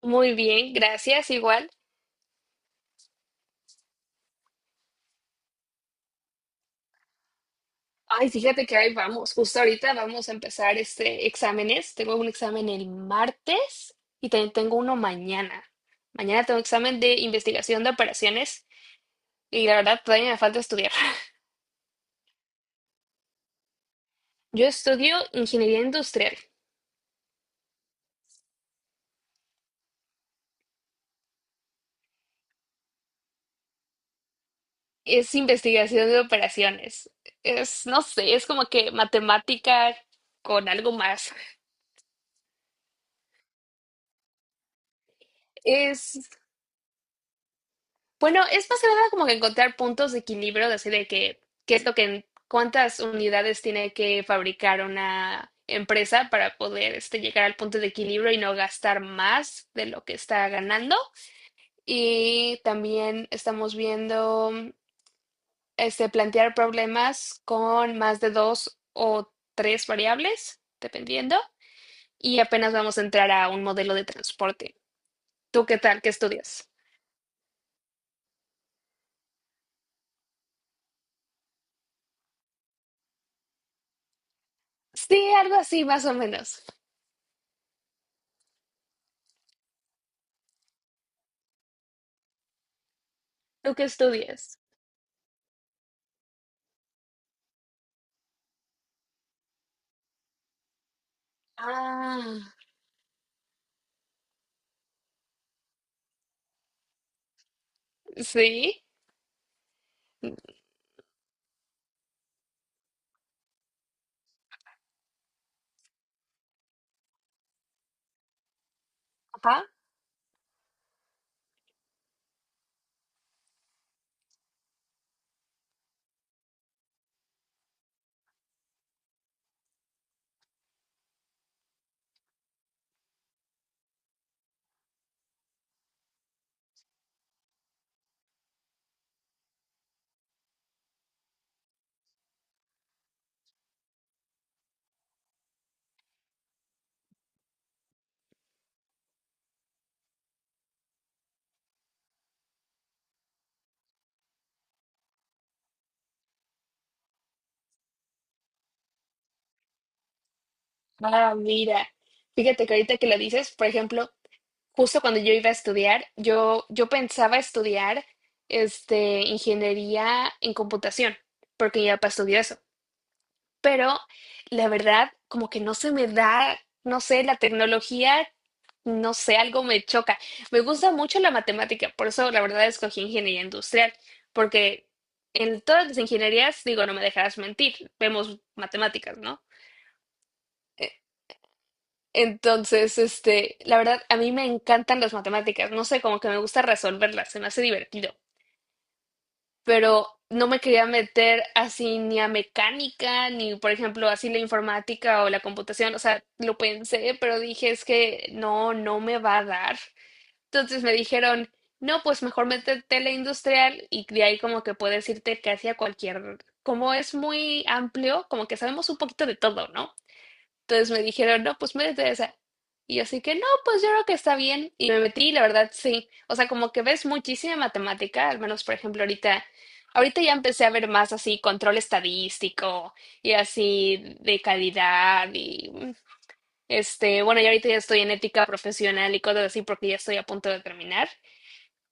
Muy bien, gracias, igual. Ay, fíjate que ahí vamos, justo ahorita vamos a empezar exámenes. Tengo un examen el martes y también tengo uno mañana. Mañana tengo examen de investigación de operaciones y la verdad todavía me falta estudiar. Yo estudio ingeniería industrial. Es investigación de operaciones. Es, no sé, es como que matemática con algo más. Es Bueno, es más que nada como que encontrar puntos de equilibrio, de así de que, qué es lo que, cuántas unidades tiene que fabricar una empresa para poder llegar al punto de equilibrio y no gastar más de lo que está ganando. Y también estamos viendo plantear problemas con más de dos o tres variables, dependiendo. Y apenas vamos a entrar a un modelo de transporte. ¿Tú qué tal? ¿Qué estudias? Sí, algo así, más o menos. ¿Tú qué estudias? Ah, sí, ajá. Ah, mira. Fíjate que ahorita que lo dices, por ejemplo, justo cuando yo iba a estudiar, yo pensaba estudiar ingeniería en computación, porque mi papá estudió eso. Pero la verdad, como que no se me da, no sé, la tecnología, no sé, algo me choca. Me gusta mucho la matemática, por eso la verdad escogí ingeniería industrial, porque en todas las ingenierías, digo, no me dejarás mentir, vemos matemáticas, ¿no? E- Entonces, la verdad, a mí me encantan las matemáticas, no sé, como que me gusta resolverlas, se me hace divertido. Pero no me quería meter así ni a mecánica, ni por ejemplo así la informática o la computación, o sea, lo pensé, pero dije es que no, no me va a dar. Entonces me dijeron, no, pues mejor métete a la industrial y de ahí como que puedes irte casi a cualquier, como es muy amplio, como que sabemos un poquito de todo, ¿no? Entonces me dijeron, no, pues métete a esa. Y yo así que no, pues yo creo que está bien. Y me metí, la verdad, sí. O sea, como que ves muchísima matemática, al menos por ejemplo ahorita, ahorita ya empecé a ver más así control estadístico y así de calidad y bueno, yo ahorita ya estoy en ética profesional y cosas así porque ya estoy a punto de terminar.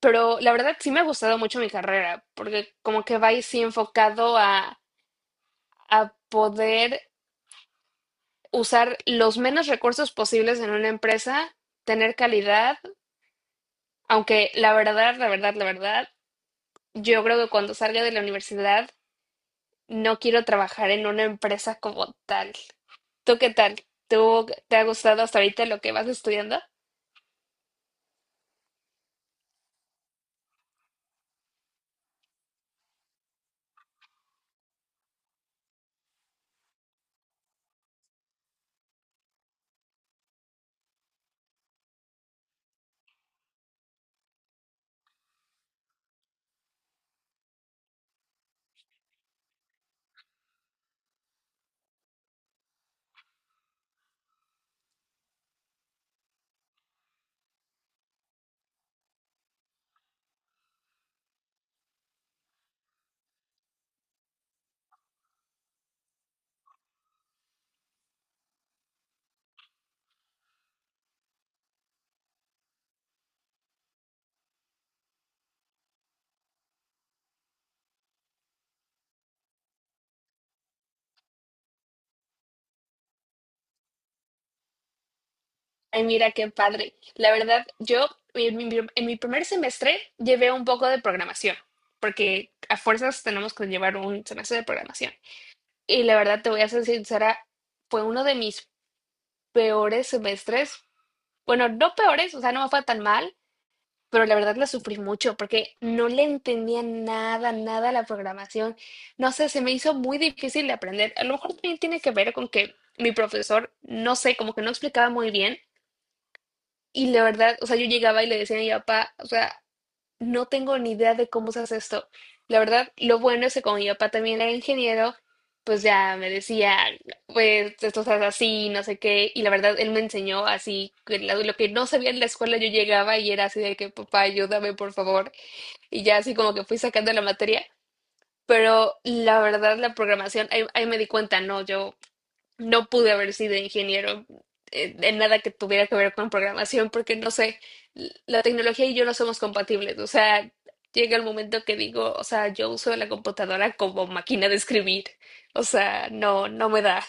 Pero la verdad sí me ha gustado mucho mi carrera, porque como que va ahí sí enfocado a poder usar los menos recursos posibles en una empresa, tener calidad, aunque la verdad, la verdad, la verdad, yo creo que cuando salga de la universidad no quiero trabajar en una empresa como tal. ¿Tú qué tal? ¿Tú te ha gustado hasta ahorita lo que vas estudiando? Ay, mira qué padre. La verdad, yo en mi primer semestre llevé un poco de programación, porque a fuerzas tenemos que llevar un semestre de programación. Y la verdad, te voy a ser sincera, fue uno de mis peores semestres. Bueno, no peores, o sea, no me fue tan mal, pero la verdad la sufrí mucho porque no le entendía nada, nada a la programación. No sé, se me hizo muy difícil de aprender. A lo mejor también tiene que ver con que mi profesor, no sé, como que no explicaba muy bien. Y la verdad, o sea, yo llegaba y le decía a mi papá, o sea, no tengo ni idea de cómo se hace esto. La verdad, lo bueno es que como mi papá también era ingeniero, pues ya me decía, pues esto se hace así, no sé qué. Y la verdad, él me enseñó así, que lo que no sabía en la escuela yo llegaba y era así de que, papá, ayúdame, por favor. Y ya así como que fui sacando la materia. Pero la verdad, la programación, ahí me di cuenta, no, yo no pude haber sido ingeniero en nada que tuviera que ver con programación porque no sé, la tecnología y yo no somos compatibles. O sea, llega el momento que digo, o sea, yo uso la computadora como máquina de escribir. O sea, no, no me da.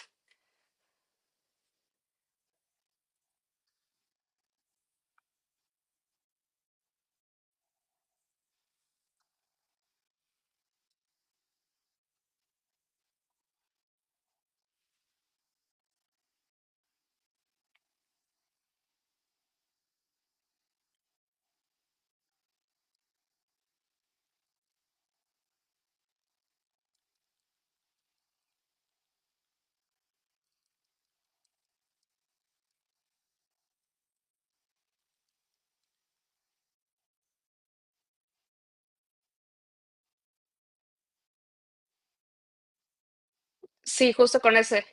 Sí, justo con ese.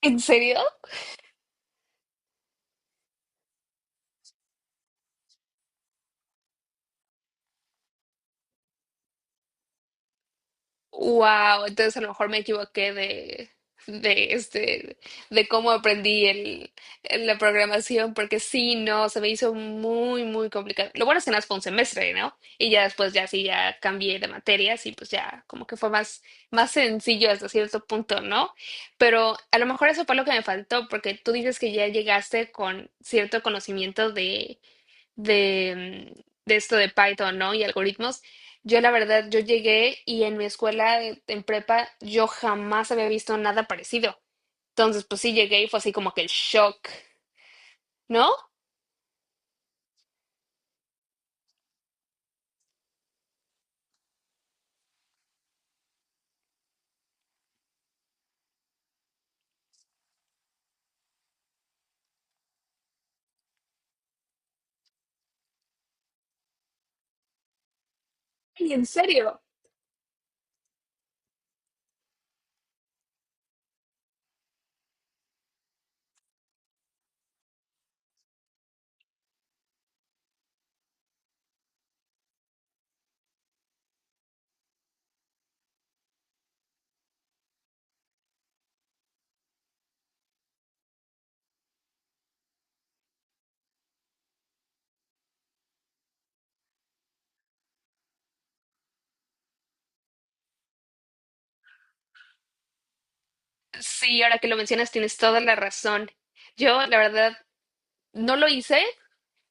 ¿En serio? Wow, entonces a lo mejor me equivoqué de de cómo aprendí la programación, porque sí, no, se me hizo muy, muy complicado. Lo bueno es que nada más fue un semestre, ¿no? Y ya después ya sí, ya cambié de materias y pues ya como que fue más, más sencillo hasta cierto punto, ¿no? Pero a lo mejor eso fue lo que me faltó, porque tú dices que ya llegaste con cierto conocimiento de esto de Python, ¿no? Y algoritmos. Yo la verdad, yo llegué y en mi escuela, en prepa, yo jamás había visto nada parecido. Entonces, pues sí llegué y fue así como que el shock, ¿no? ¿Y en serio? Sí, ahora que lo mencionas, tienes toda la razón. Yo, la verdad, no lo hice.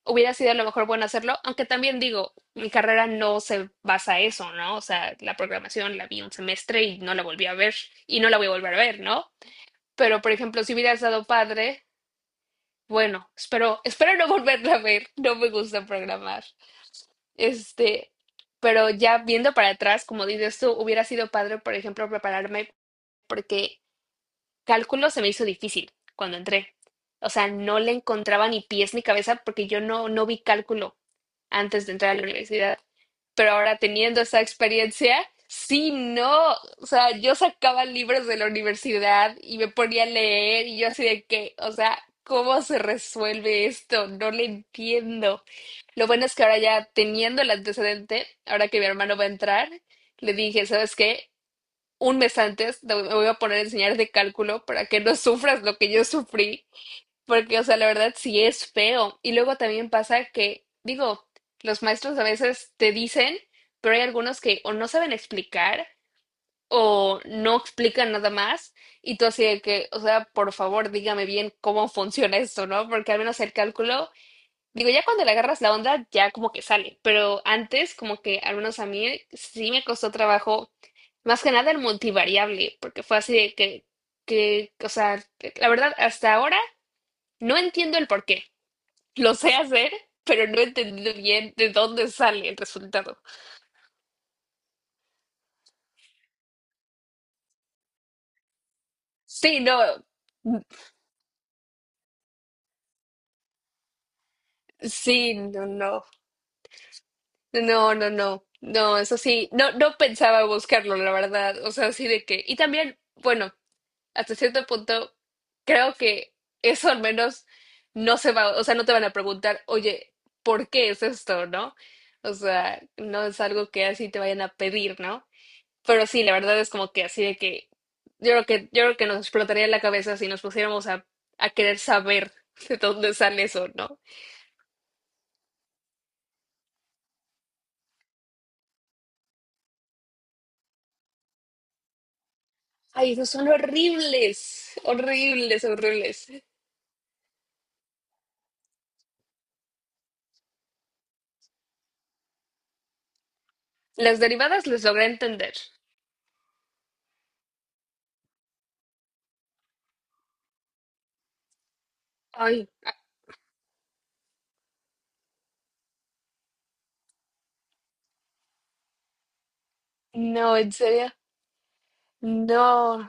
Hubiera sido a lo mejor bueno hacerlo, aunque también digo, mi carrera no se basa en eso, ¿no? O sea, la programación la vi un semestre y no la volví a ver y no la voy a volver a ver, ¿no? Pero, por ejemplo, si hubieras dado padre. Bueno, espero no volverla a ver. No me gusta programar. Este, pero ya viendo para atrás, como dices tú, hubiera sido padre, por ejemplo, prepararme. Porque. Cálculo se me hizo difícil cuando entré. O sea, no le encontraba ni pies ni cabeza porque yo no, no vi cálculo antes de entrar a la universidad. Pero ahora teniendo esa experiencia, sí, no. O sea, yo sacaba libros de la universidad y me ponía a leer y yo así de que, o sea, ¿cómo se resuelve esto? No le entiendo. Lo bueno es que ahora ya teniendo el antecedente, ahora que mi hermano va a entrar, le dije, ¿sabes qué? Un mes antes me voy a poner a enseñar de cálculo para que no sufras lo que yo sufrí, porque, o sea, la verdad sí es feo. Y luego también pasa que, digo, los maestros a veces te dicen, pero hay algunos que o no saben explicar o no explican nada más, y tú así de que, o sea, por favor, dígame bien cómo funciona esto, ¿no? Porque al menos el cálculo. Digo, ya cuando le agarras la onda, ya como que sale, pero antes como que al menos a mí sí me costó trabajo, más que nada el multivariable, porque fue así de que, o sea, la verdad, hasta ahora no entiendo el por qué. Lo sé hacer, pero no he entendido bien de dónde sale el resultado. Sí, no, sí, no, no, no, no, no, no, eso sí, no, no pensaba buscarlo, la verdad, o sea, así de que, y también, bueno. Hasta cierto punto, creo que eso al menos no se va, o sea, no te van a preguntar, oye, ¿por qué es esto, no? O sea, no es algo que así te vayan a pedir, ¿no? Pero sí, la verdad es como que así de que yo creo que nos explotaría la cabeza si nos pusiéramos a, querer saber de dónde sale eso, ¿no? Ay, esos son horribles, horribles, horribles. Las derivadas les logré entender. Ay, no, en serio. No.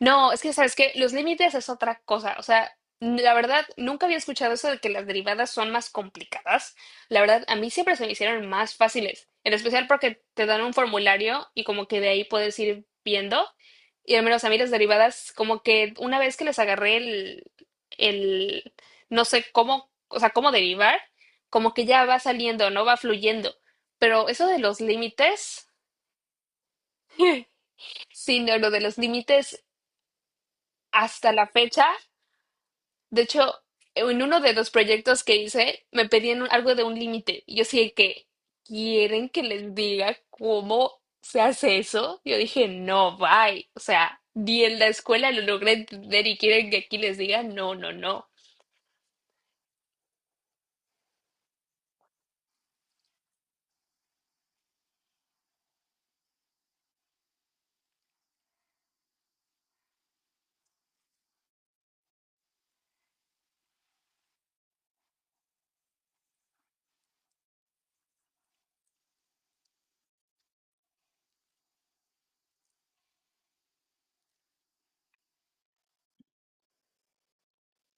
No, es que sabes que los límites es otra cosa. O sea, la verdad, nunca había escuchado eso de que las derivadas son más complicadas. La verdad, a mí siempre se me hicieron más fáciles, en especial porque te dan un formulario y como que de ahí puedes ir viendo. Y al menos a mí las derivadas, como que una vez que les agarré el, no sé cómo, o sea, cómo derivar, como que ya va saliendo, no va fluyendo. Pero eso de los límites, sí, no, lo de los límites hasta la fecha. De hecho, en uno de los proyectos que hice, me pedían algo de un límite. Y yo sí de que, ¿quieren que les diga cómo se hace eso? Yo dije, no, bye. O sea, ni en la escuela lo logré entender y quieren que aquí les diga, no, no, no.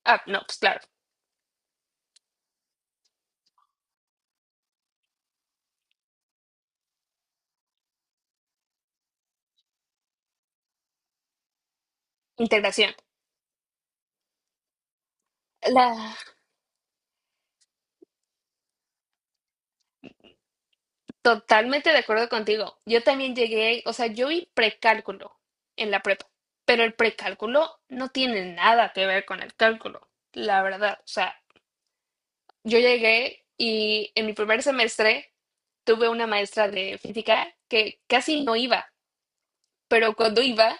Ah, no, pues claro, integración. La. Totalmente de acuerdo contigo. Yo también llegué, o sea, yo vi precálculo en la prepa, pero el precálculo no tiene nada que ver con el cálculo, la verdad. O sea, yo llegué y en mi primer semestre tuve una maestra de física que casi no iba, pero cuando iba,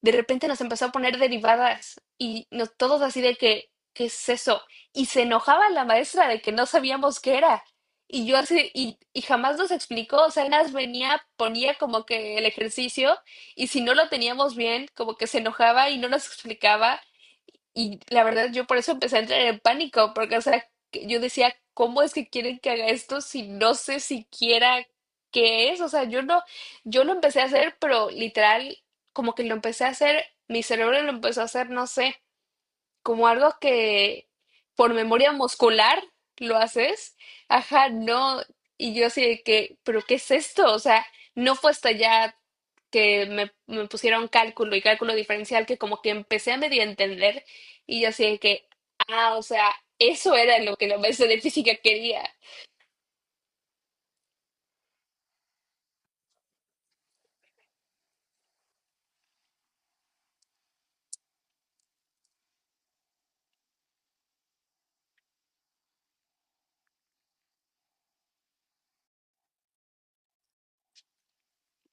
de repente nos empezó a poner derivadas y nos, todos así de que, ¿qué es eso? Y se enojaba la maestra de que no sabíamos qué era. Y yo así, y jamás nos explicó, o sea, nada más venía, ponía como que el ejercicio y si no lo teníamos bien, como que se enojaba y no nos explicaba. Y la verdad, yo por eso empecé a entrar en pánico, porque, o sea, que yo decía, ¿cómo es que quieren que haga esto si no sé siquiera qué es? O sea, yo no, yo lo empecé a hacer, pero literal, como que lo empecé a hacer, mi cerebro lo empezó a hacer, no sé como algo que por memoria muscular lo haces, ajá, no, y yo así de que, pero ¿qué es esto? O sea, no fue hasta ya que me pusieron cálculo y cálculo diferencial que como que empecé a medio entender y yo así de que, ah, o sea, eso era lo que la maestra de física quería.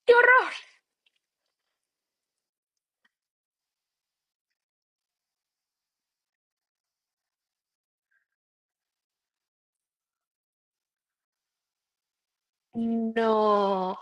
¡Qué horror! No,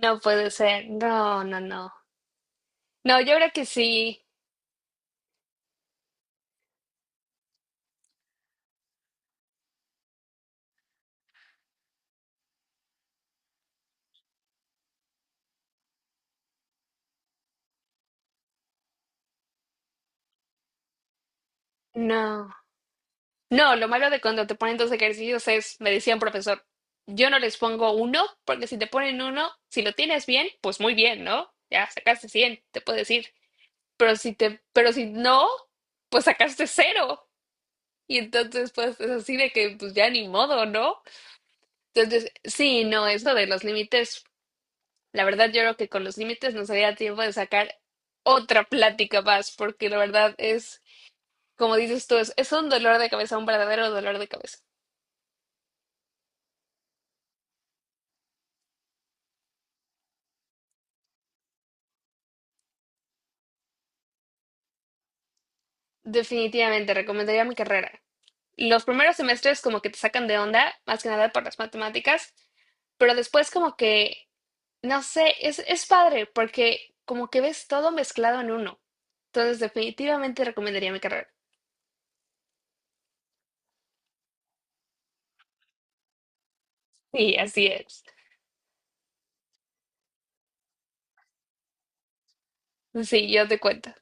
no puede ser, no, no, no. No, yo creo que sí, no. No, lo malo de cuando te ponen dos ejercicios es, me decía un profesor, yo no les pongo uno, porque si te ponen uno, si lo tienes bien, pues muy bien, ¿no? Ya sacaste 100, te puedo decir. Pero si no, pues sacaste cero. Y entonces, pues es así de que, pues ya ni modo, ¿no? Entonces, sí, no, es de los límites. La verdad, yo creo que con los límites nos daría tiempo de sacar otra plática más, porque la verdad es, como dices tú, es un dolor de cabeza, un verdadero dolor de cabeza. Definitivamente, recomendaría mi carrera. Los primeros semestres como que te sacan de onda, más que nada por las matemáticas, pero después como que, no sé, es padre porque como que ves todo mezclado en uno. Entonces, definitivamente recomendaría mi carrera. Y así es. Sí, yo te cuento.